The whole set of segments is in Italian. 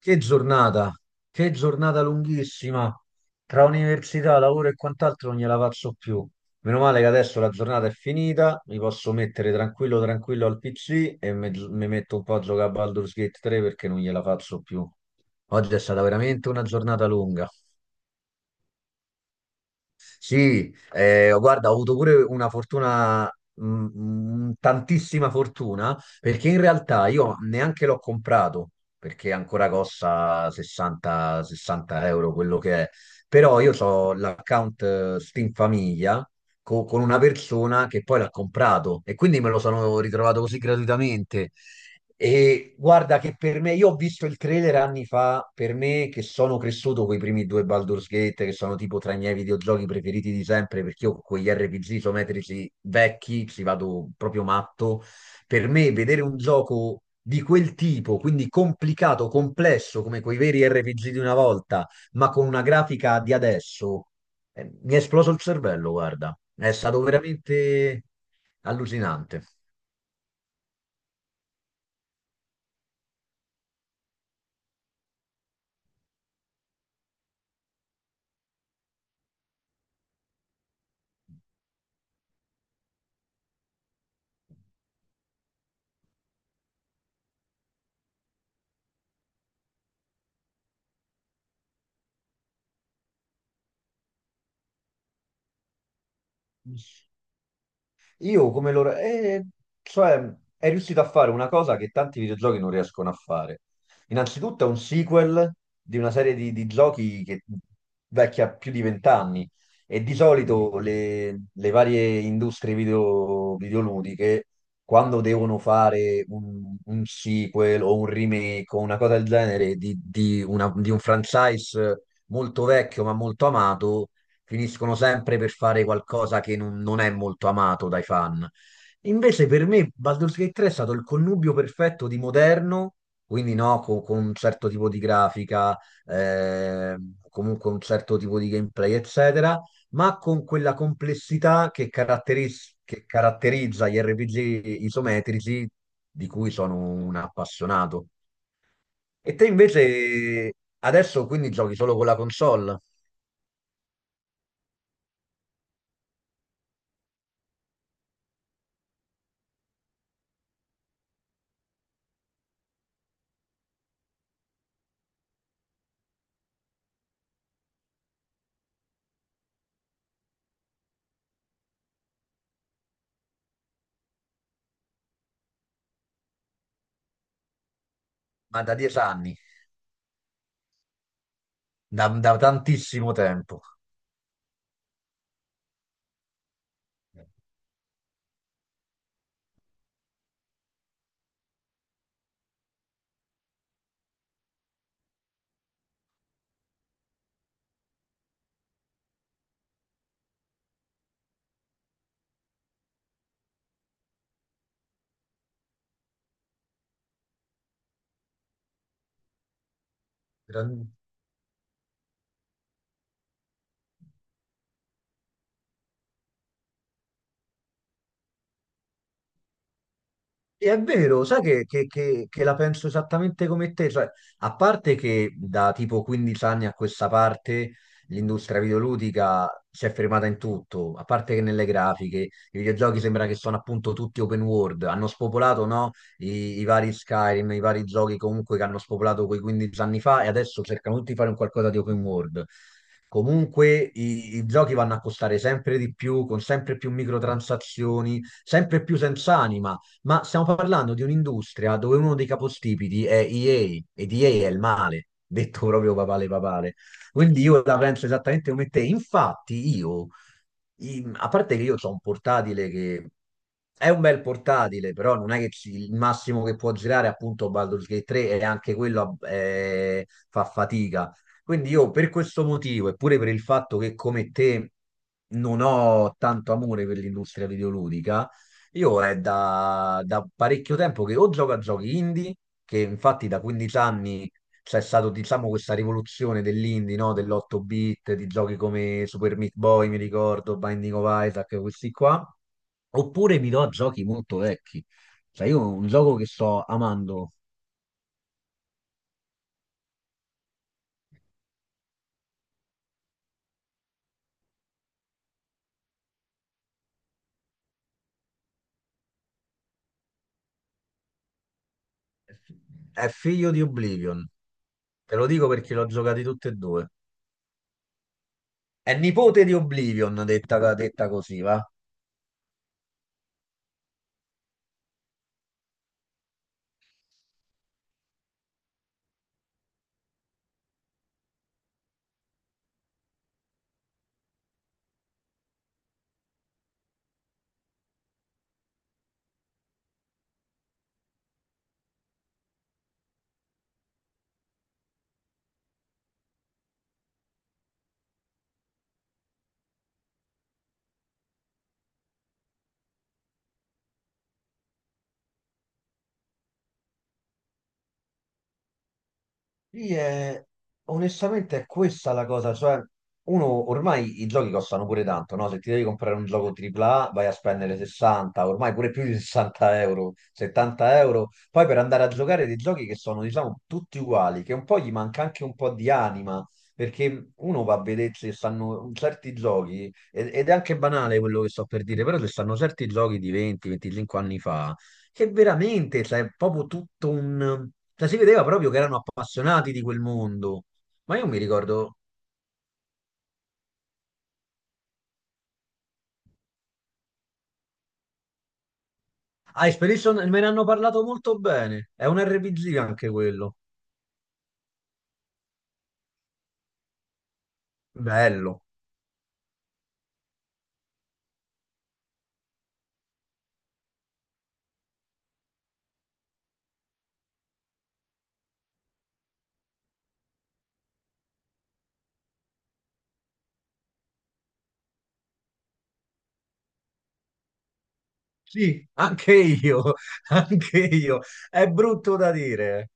Che giornata, che giornata lunghissima. Tra università, lavoro e quant'altro non gliela faccio più. Meno male che adesso la giornata è finita, mi posso mettere tranquillo tranquillo al PC e mi metto un po' a giocare a Baldur's Gate 3 perché non gliela faccio più. Oggi è stata veramente una giornata lunga. Sì, guarda, ho avuto pure una fortuna, mm, tantissima fortuna, perché in realtà io neanche l'ho comprato, perché ancora costa 60 euro quello che è. Però io ho l'account Steam Famiglia con una persona che poi l'ha comprato e quindi me lo sono ritrovato così gratuitamente. E guarda che per me, io ho visto il trailer anni fa, per me che sono cresciuto con i primi due Baldur's Gate, che sono tipo tra i miei videogiochi preferiti di sempre, perché io con gli RPG isometrici vecchi ci vado proprio matto. Per me vedere un gioco di quel tipo, quindi complicato, complesso, come quei veri RPG di una volta, ma con una grafica di adesso, mi è esploso il cervello, guarda. È stato veramente allucinante. Io come loro... cioè, è riuscito a fare una cosa che tanti videogiochi non riescono a fare. Innanzitutto è un sequel di una serie di giochi che vecchia più di 20 anni e di solito le varie industrie videoludiche, quando devono fare un sequel o un remake o una cosa del genere di un franchise molto vecchio ma molto amato, finiscono sempre per fare qualcosa che non è molto amato dai fan. Invece per me Baldur's Gate 3 è stato il connubio perfetto di moderno, quindi no, un certo tipo di grafica, eh, comunque un certo tipo di gameplay, eccetera, ma con quella complessità che caratterizza gli RPG isometrici di cui sono un appassionato. E te invece adesso quindi giochi solo con la console, ma da 10 anni. Da tantissimo tempo. Gran- È vero, sai che la penso esattamente come te, cioè, a parte che da tipo 15 anni a questa parte l'industria videoludica si è fermata in tutto, a parte che nelle grafiche, i videogiochi sembra che sono appunto tutti open world, hanno spopolato no, i vari Skyrim, i vari giochi comunque che hanno spopolato quei 15 anni fa e adesso cercano tutti di fare un qualcosa di open world. Comunque i giochi vanno a costare sempre di più, con sempre più microtransazioni, sempre più senza anima. Ma stiamo parlando di un'industria dove uno dei capostipiti è EA ed EA è il male, detto proprio papale papale. Quindi io la penso esattamente come te. Infatti io, a parte che io ho un portatile che è un bel portatile, però non è che il massimo che può girare è appunto Baldur's Gate 3 e anche quello fa fatica. Quindi io per questo motivo, eppure per il fatto che come te non ho tanto amore per l'industria videoludica, io è da parecchio tempo che o gioco a giochi indie, che infatti da 15 anni c'è stata, diciamo, questa rivoluzione dell'indie, no? Dell'8-bit, di giochi come Super Meat Boy, mi ricordo, Binding of Isaac, questi qua. Oppure mi do a giochi molto vecchi. Cioè, io un gioco che sto amando è figlio di Oblivion. Te lo dico perché l'ho giocati tutti e due. È nipote di Oblivion, detta così, va? Sì, onestamente è questa la cosa, cioè uno ormai i giochi costano pure tanto, no? Se ti devi comprare un gioco AAA vai a spendere 60, ormai pure più di 60 euro, 70 euro, poi per andare a giocare dei giochi che sono diciamo tutti uguali, che un po' gli manca anche un po' di anima, perché uno va a vedere se stanno certi giochi, ed è anche banale quello che sto per dire, però se stanno certi giochi di 20-25 anni fa che veramente, cioè, è proprio tutto un... Cioè, si vedeva proprio che erano appassionati di quel mondo. Ma io mi ricordo... Ah, Expedition me ne hanno parlato molto bene. È un RPG anche quello. Bello. Sì, anche io, anche io. È brutto da dire.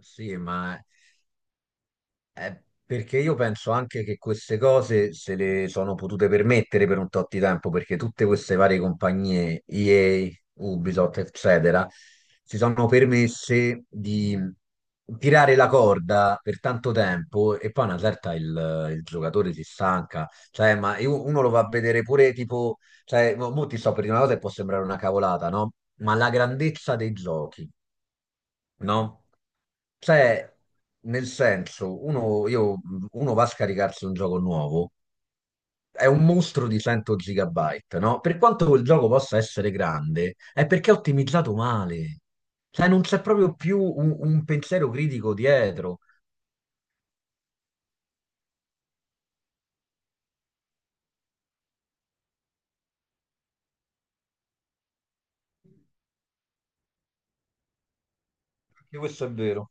Sì, ma perché io penso anche che queste cose se le sono potute permettere per un tot di tempo, perché tutte queste varie compagnie, EA, Ubisoft, eccetera, si sono permesse di tirare la corda per tanto tempo e poi a una certa il giocatore si stanca. Cioè, ma uno lo va a vedere pure tipo, cioè, mo ti sto per dire una cosa che può sembrare una cavolata, no? Ma la grandezza dei giochi no? Cioè, nel senso, uno, uno va a scaricarsi un gioco nuovo, è un mostro di 100 gigabyte, no? Per quanto quel gioco possa essere grande, è perché è ottimizzato male. Cioè, non c'è proprio più un pensiero critico dietro. Perché questo è vero.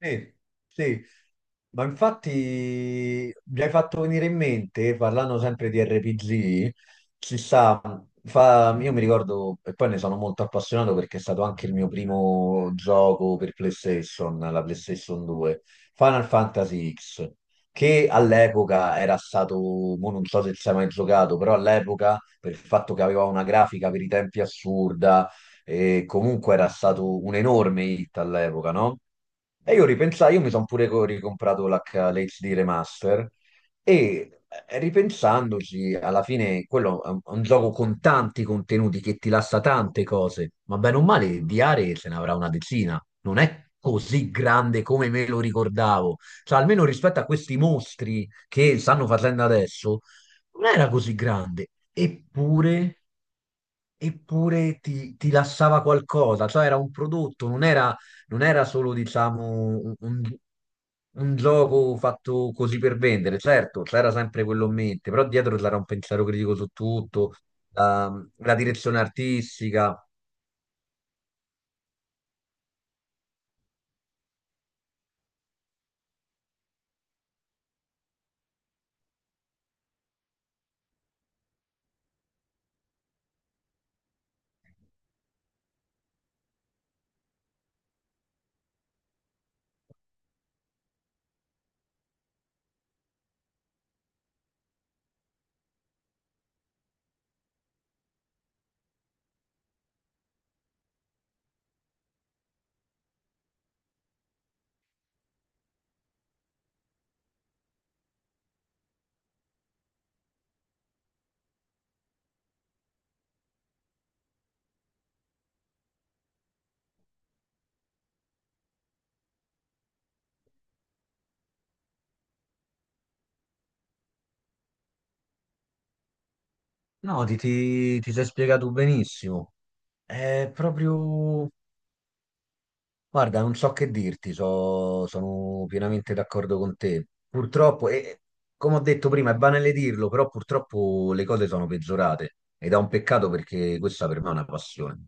Sì, sì, ma infatti mi hai fatto venire in mente, parlando sempre di RPG, ci sta, io mi ricordo, e poi ne sono molto appassionato perché è stato anche il mio primo gioco per PlayStation, la PlayStation 2, Final Fantasy X, che all'epoca era stato, mo non so se ci hai mai giocato, però all'epoca, per il fatto che aveva una grafica per i tempi assurda, e comunque era stato un enorme hit all'epoca, no? E io ripensai, io mi sono pure ricomprato l'HD Remaster e ripensandoci, alla fine quello è un gioco con tanti contenuti che ti lascia tante cose, ma bene o male di aree se ne avrà una decina, non è così grande come me lo ricordavo, cioè almeno rispetto a questi mostri che stanno facendo adesso, non era così grande, eppure ti lasciava qualcosa, cioè era un prodotto, non era solo, diciamo, un, un- un gioco fatto così per vendere. Certo, c'era sempre quello in mente, però dietro c'era un pensiero critico su tutto, la, la direzione artistica. No, ti sei spiegato benissimo. È proprio... Guarda, non so che dirti, sono pienamente d'accordo con te. Purtroppo, e come ho detto prima, è banale dirlo, però purtroppo le cose sono peggiorate ed è un peccato perché questa per me è una passione.